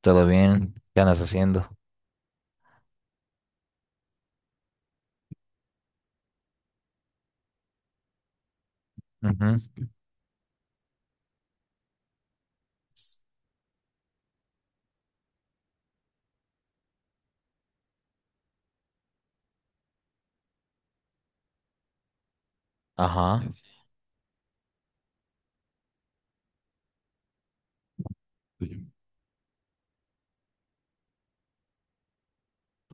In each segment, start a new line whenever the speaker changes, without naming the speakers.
Todo bien, ¿qué andas haciendo? Ujú. Ajá.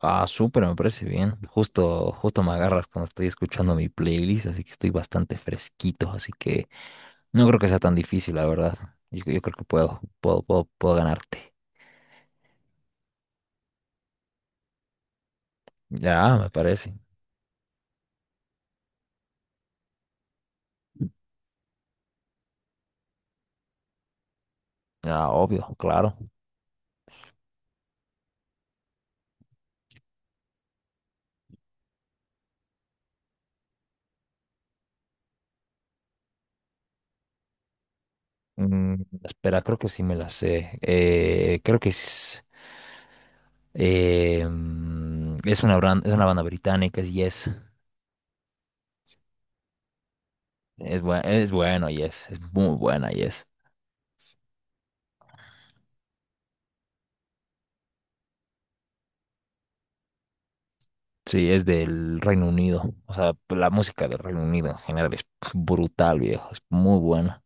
Ah, súper, me parece bien. Justo, justo me agarras cuando estoy escuchando mi playlist, así que estoy bastante fresquito, así que no creo que sea tan difícil, la verdad. Yo creo que puedo ganarte. Ya, me parece. Ah, obvio, claro. Mm, espera, creo que sí me la sé. Creo que es, eh, mm, es una es una banda británica, es Yes. Es, es bueno, Yes. Es muy buena, Yes. Sí, es del Reino Unido. O sea, la música del Reino Unido en general es brutal, viejo. Es muy buena.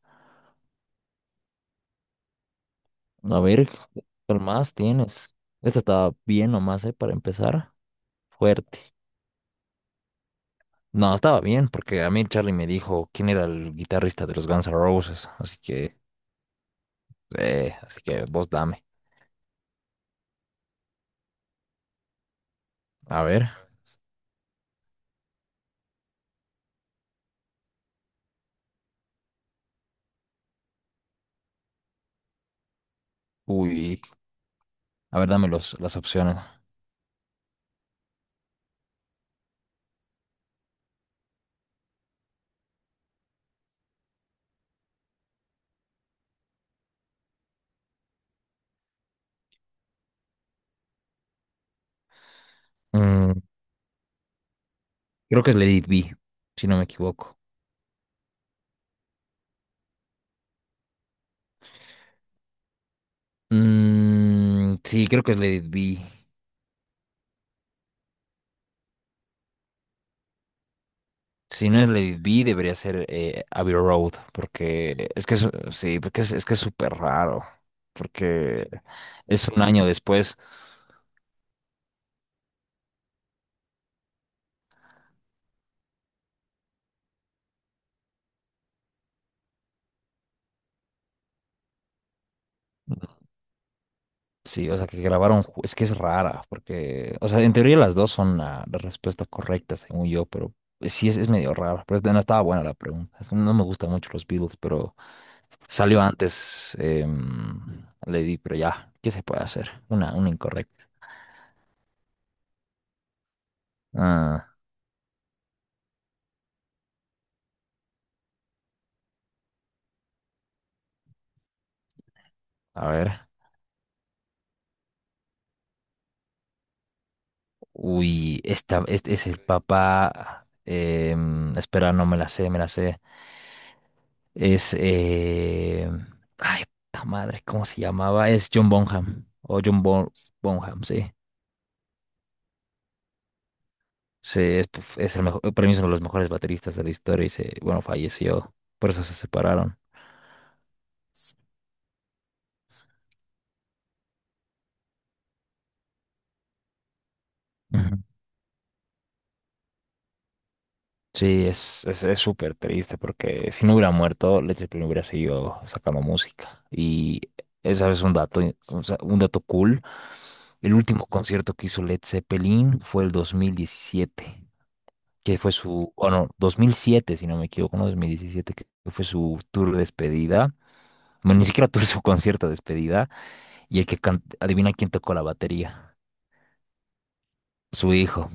A ver, ¿qué más tienes? Esta estaba bien nomás, ¿eh? Para empezar. Fuerte. No, estaba bien, porque a mí Charlie me dijo quién era el guitarrista de los Guns N' Roses. Así que vos dame. A ver. Uy, a ver, dame las opciones. Mm, creo que es Let It Be, si no me equivoco. Mm, sí, creo que es Let It Be. Si no es Lady B, debería ser Abbey Road, porque es que es, sí, porque es que es súper raro, porque es un año después, sí, o sea, que grabaron, es que es rara, porque, o sea, en teoría las dos son la respuesta correcta, según yo, pero sí es medio rara, pero no estaba buena la pregunta, es que no me gustan mucho los Beatles, pero salió antes Lady, pero ya, ¿qué se puede hacer? Una incorrecta. Ah, a ver. Uy, esta, este es el papá. Espera, no me la sé, me la sé. Es. eh, ay, Puta madre, ¿cómo se llamaba? Es John Bonham. O Bonham, sí. Sí, es, puf, es el mejor, para mí es uno de los mejores bateristas de la historia y se, bueno, falleció. Por eso se separaron. Ujú. Sí, es súper triste porque si no hubiera muerto, Led Zeppelin hubiera seguido sacando música. Y esa es un dato, o sea, un dato cool. El último concierto que hizo Led Zeppelin fue el 2017, que fue su, o no, 2007 si no me equivoco, no, 2017 que fue su tour de despedida. Bueno, ni siquiera tour, su concierto de despedida. Y el que adivina quién tocó la batería, su hijo.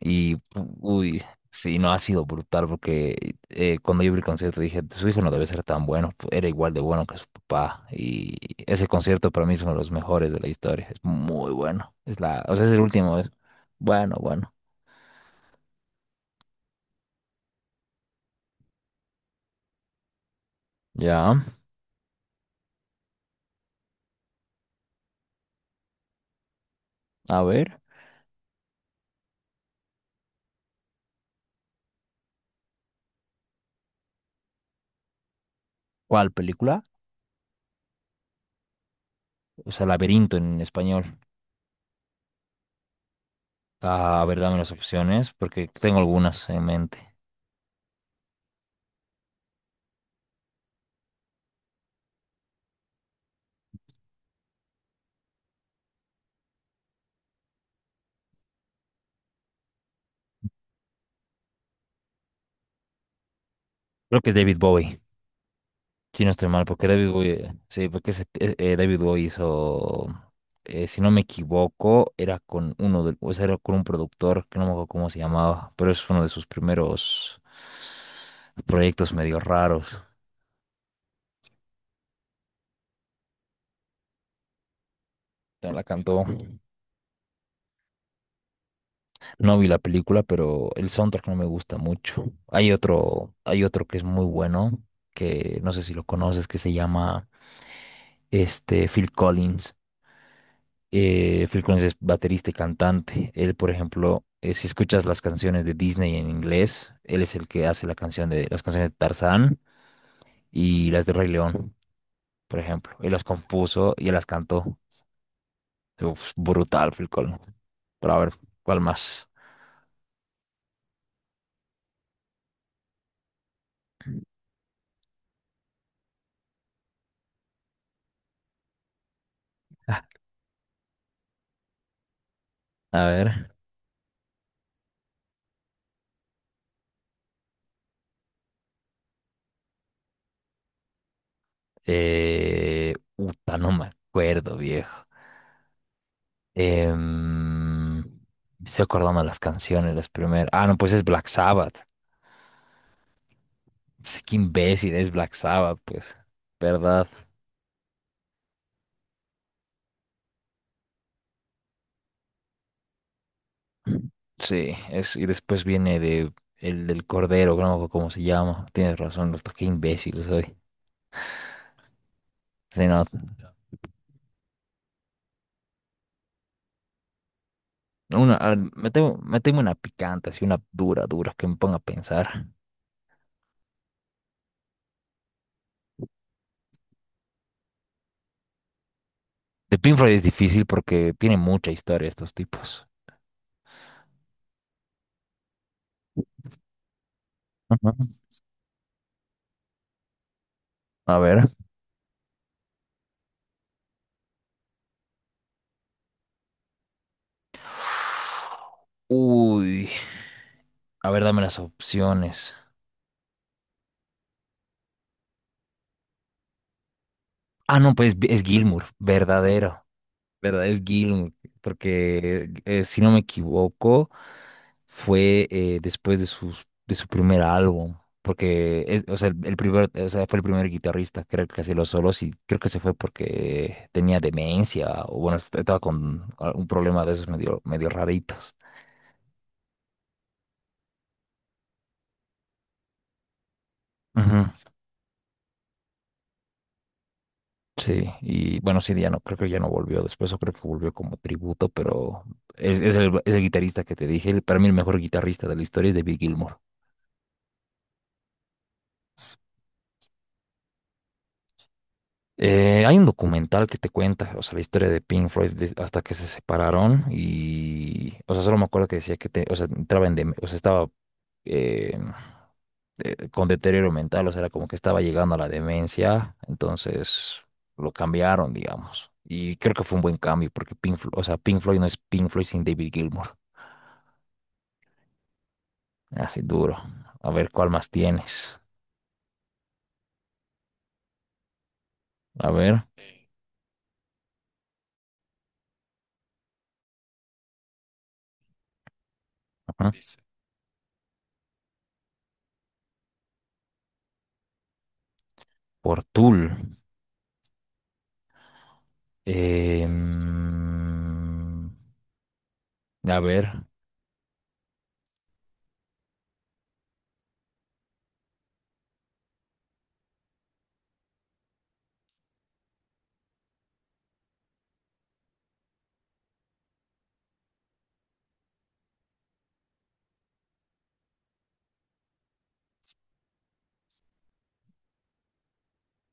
Y, uy, sí, no ha sido brutal porque cuando yo vi el concierto dije, su hijo no debe ser tan bueno, era igual de bueno que su papá. Y ese concierto para mí es uno de los mejores de la historia, es muy bueno. Es la, o sea, es el último. Bueno, bueno. Ya, a ver, ¿cuál película? O sea, Laberinto en español. Ah, a ver, dame las opciones, porque tengo algunas en mente. Creo que es David Bowie, si no estoy mal, porque David Bowie, sí, porque David Bowie hizo, si no me equivoco, era con uno de, o sea, era con un productor, que no me acuerdo cómo se llamaba, pero es uno de sus primeros proyectos medio raros. Ya la cantó. No vi la película, pero el soundtrack no me gusta mucho. Hay otro que es muy bueno, que no sé si lo conoces, que se llama este Phil Collins. Phil Collins es baterista y cantante. Él, por ejemplo, si escuchas las canciones de Disney en inglés, él es el que hace la canción de las canciones de Tarzán y las de Rey León, por ejemplo. Él las compuso y él las cantó. Uf, brutal, Phil Collins. Pero a ver, ¿cuál más? A ver. Uta, no me acuerdo, viejo. Me estoy acordando de las canciones, las primeras. Ah, no, pues es Black Sabbath. Sí, qué imbécil, es Black Sabbath, pues. ¿Verdad? Sí, es, y después viene de el del Cordero, creo, como se llama. Tienes razón, doctor, qué imbécil soy. Sí, no, una, a ver, meteme una picante, así una dura, dura, que me ponga a pensar. De Pink Floyd es difícil porque tiene mucha historia estos tipos. Ujú. A ver. Uy, a ver, dame las opciones. Ah, no, pues es Gilmour, verdadero, verdad, es Gilmour, porque si no me equivoco, fue después de sus, de su primer álbum, porque es, o sea, el primer, o sea, fue el primer guitarrista, creo que hacía los solos y creo que se fue porque tenía demencia o bueno, estaba con un problema de esos medio, medio raritos. Ujú. Sí, y bueno, sí, ya no, creo que ya no volvió después, o creo que volvió como tributo, pero es el guitarrista que te dije, para mí el mejor guitarrista de la historia es David Gilmour. S- Hay un documental que te cuenta, o sea, la historia de Pink Floyd hasta que se separaron y, o sea, solo me acuerdo que decía que, o sea, entraba en, o sea, estaba, eh, con deterioro mental, o sea, era como que estaba llegando a la demencia, entonces lo cambiaron, digamos. Y creo que fue un buen cambio, porque Pink Floyd, o sea, Pink Floyd no es Pink Floyd sin David Gilmour. Así duro. A ver, ¿cuál más tienes? A ver, ajá. Por Tool. Em, a ver,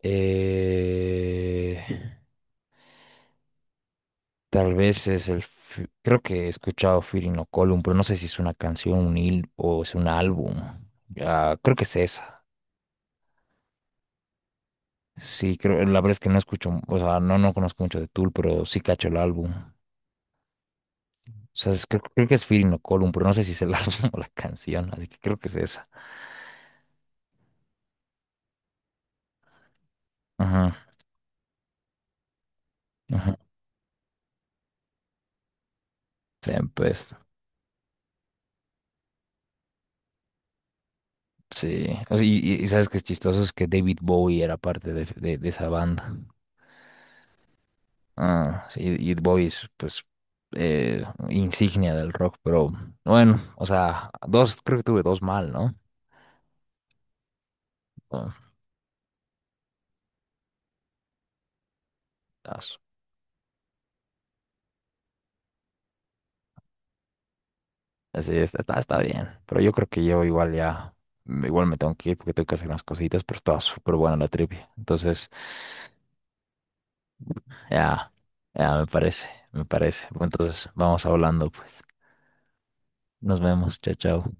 eh, tal vez es el... Creo que he escuchado Fear Column, pero no sé si es una canción, un hil o es un álbum. Ah, creo que es esa. Sí, creo, la verdad es que no escucho, o sea, no, no conozco mucho de Tool, pero sí cacho el álbum. O sea, creo, creo que es Feeling No Column, pero no sé si es el álbum o la canción, así que creo que es esa. Ajá, ajá. Tempest, sí. O sea, y sabes que es chistoso, es que David Bowie era parte de, de esa banda. Ah, sí, y Bowie es, pues, eh, insignia del rock, pero bueno, o sea, dos, creo que tuve dos mal, ¿no? Dos. Así está, está, está bien. Pero yo creo que yo igual ya, mm, igual me tengo que ir porque tengo que hacer unas cositas, pero estaba súper buena la trivia. Entonces, ya, ya me parece, me parece. Bueno, entonces, vamos hablando, pues. Nos vemos, chao, chao.